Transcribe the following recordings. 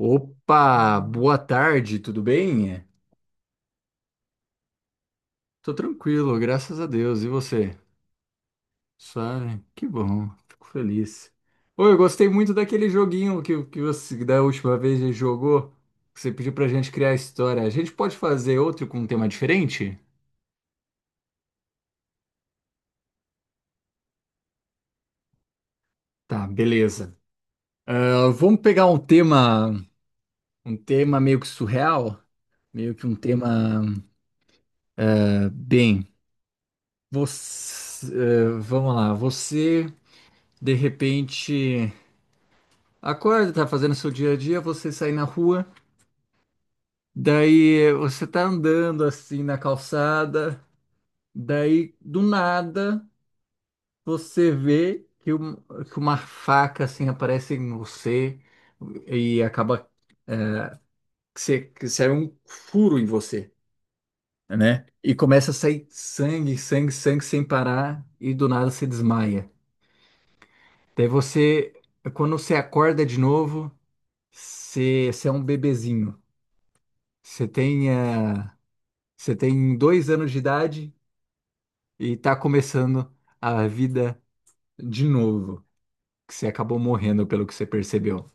Opa, boa tarde, tudo bem? Tô tranquilo, graças a Deus. E você? Suave? Que bom, fico feliz. Oi, eu gostei muito daquele joguinho que você da última vez já jogou. Que Você pediu pra gente criar a história. A gente pode fazer outro com um tema diferente? Tá, beleza. Ah, vamos pegar um tema meio que surreal, meio que um tema bem. Você, vamos lá, você de repente. Acorda, tá fazendo seu dia a dia, você sai na rua, daí você tá andando assim na calçada, daí do nada você vê que uma faca assim aparece em você e acaba é, que sai um furo em você, né? E começa a sair sangue, sangue, sangue sem parar e do nada você desmaia. Daí você, quando você acorda de novo, você é um bebezinho. Você tem, eh, Você tem 2 anos de idade e tá começando a vida de novo, que você acabou morrendo pelo que você percebeu.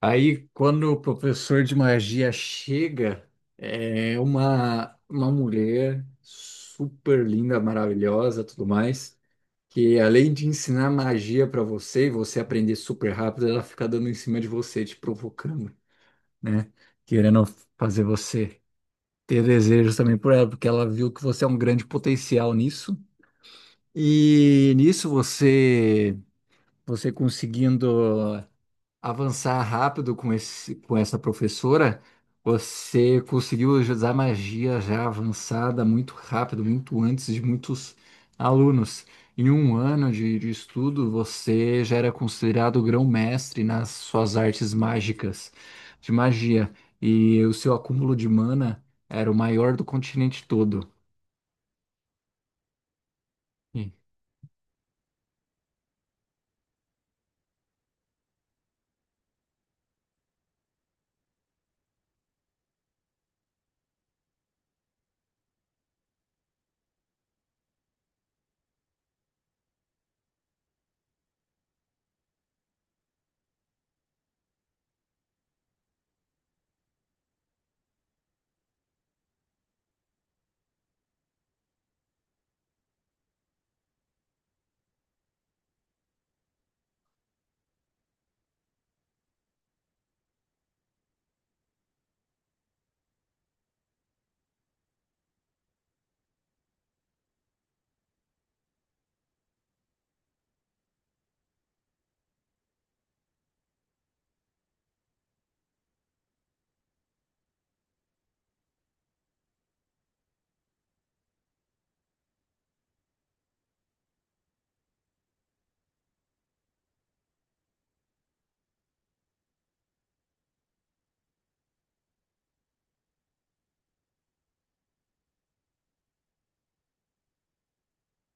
Aí, quando o professor de magia chega, é uma mulher super linda, maravilhosa, tudo mais, que além de ensinar magia pra você e você aprender super rápido, ela fica dando em cima de você, te provocando, né? Querendo fazer você ter desejos também por ela, porque ela viu que você é um grande potencial nisso. E nisso você conseguindo avançar rápido com esse com essa professora, você conseguiu usar magia já avançada muito rápido, muito antes de muitos alunos. Em um ano de estudo, você já era considerado grão-mestre nas suas artes mágicas de magia, e o seu acúmulo de mana era o maior do continente todo. E-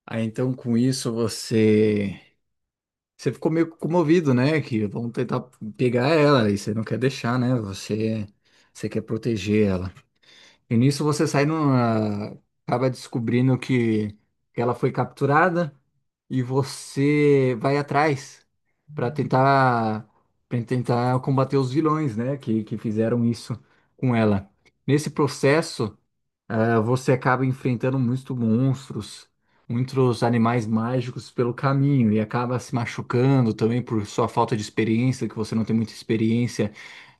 Aí, então, com isso, você ficou meio comovido, né? Que vão tentar pegar ela e você não quer deixar, né? Você, você quer proteger ela. E nisso você sai numa... acaba descobrindo que ela foi capturada e você vai atrás para tentar para tentar combater os vilões, né? Que fizeram isso com ela. Nesse processo você acaba enfrentando muitos monstros, muitos animais mágicos pelo caminho e acaba se machucando também por sua falta de experiência, que você não tem muita experiência,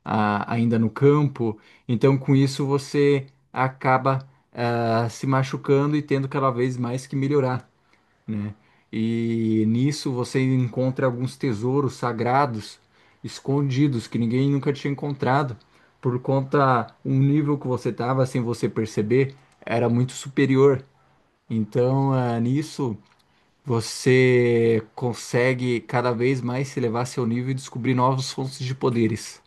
ainda no campo. Então, com isso, você acaba, se machucando e tendo cada vez mais que melhorar, né? E nisso você encontra alguns tesouros sagrados escondidos que ninguém nunca tinha encontrado por conta um nível que você estava sem você perceber era muito superior. Então, nisso você consegue cada vez mais elevar seu nível e descobrir novas fontes de poderes.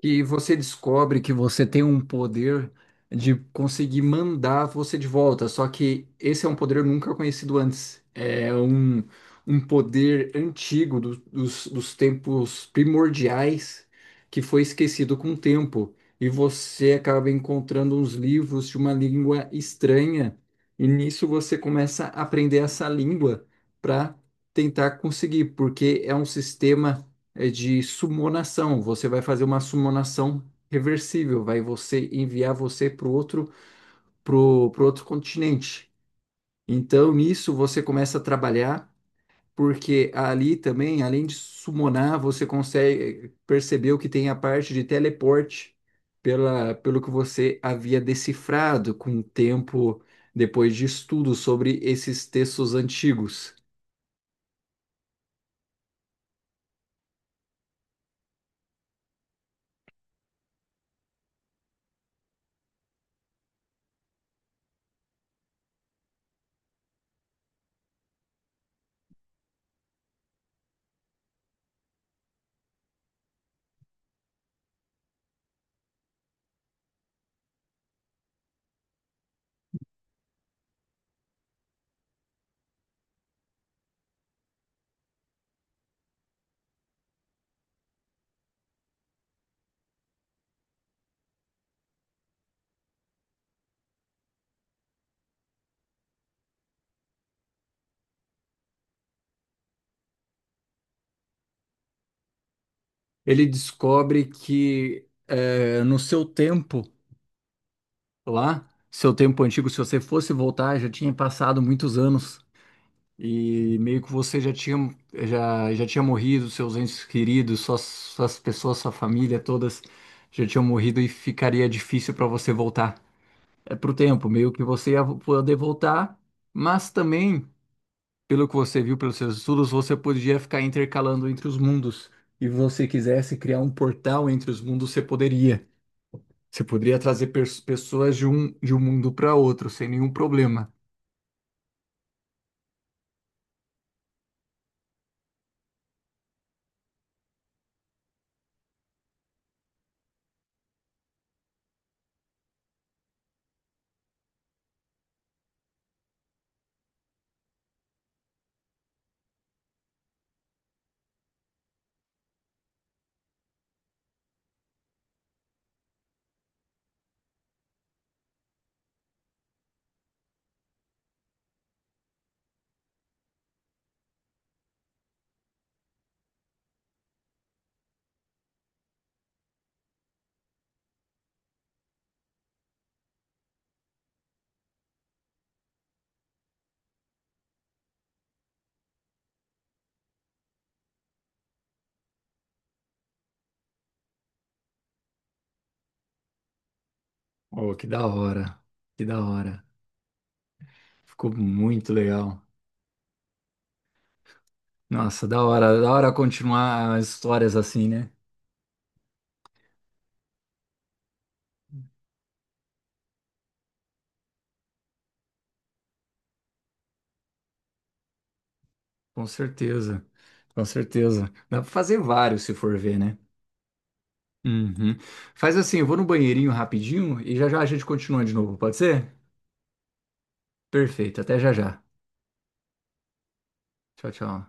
Que você descobre que você tem um poder de conseguir mandar você de volta, só que esse é um poder nunca conhecido antes. É um poder antigo dos tempos primordiais que foi esquecido com o tempo. E você acaba encontrando uns livros de uma língua estranha, e nisso você começa a aprender essa língua para tentar conseguir, porque é um sistema de sumonação. Você vai fazer uma sumonação reversível, vai você enviar você para o outro, pro, pro outro continente. Então, nisso você começa a trabalhar, porque ali também, além de sumonar, você consegue perceber o que tem a parte de teleporte pela, pelo que você havia decifrado com o tempo depois de estudo sobre esses textos antigos. Ele descobre que no seu Lá, tempo antigo, se você fosse voltar, já tinha passado muitos anos e meio que você já tinha morrido, seus entes queridos, suas pessoas, sua família, todas já tinham morrido e ficaria difícil para você voltar. É pro tempo, meio que você ia poder voltar, mas também, pelo que você viu pelos seus estudos, você podia ficar intercalando entre os mundos. E você quisesse criar um portal entre os mundos, você poderia. Você poderia trazer pessoas de um mundo para outro sem nenhum problema. Oh, que da hora. Que da hora. Ficou muito legal. Nossa, da hora. Da hora continuar as histórias assim, né? Com certeza. Com certeza. Dá pra fazer vários se for ver, né? Uhum. Faz assim, eu vou no banheirinho rapidinho e já já a gente continua de novo, pode ser? Perfeito. Até já já. Tchau, tchau.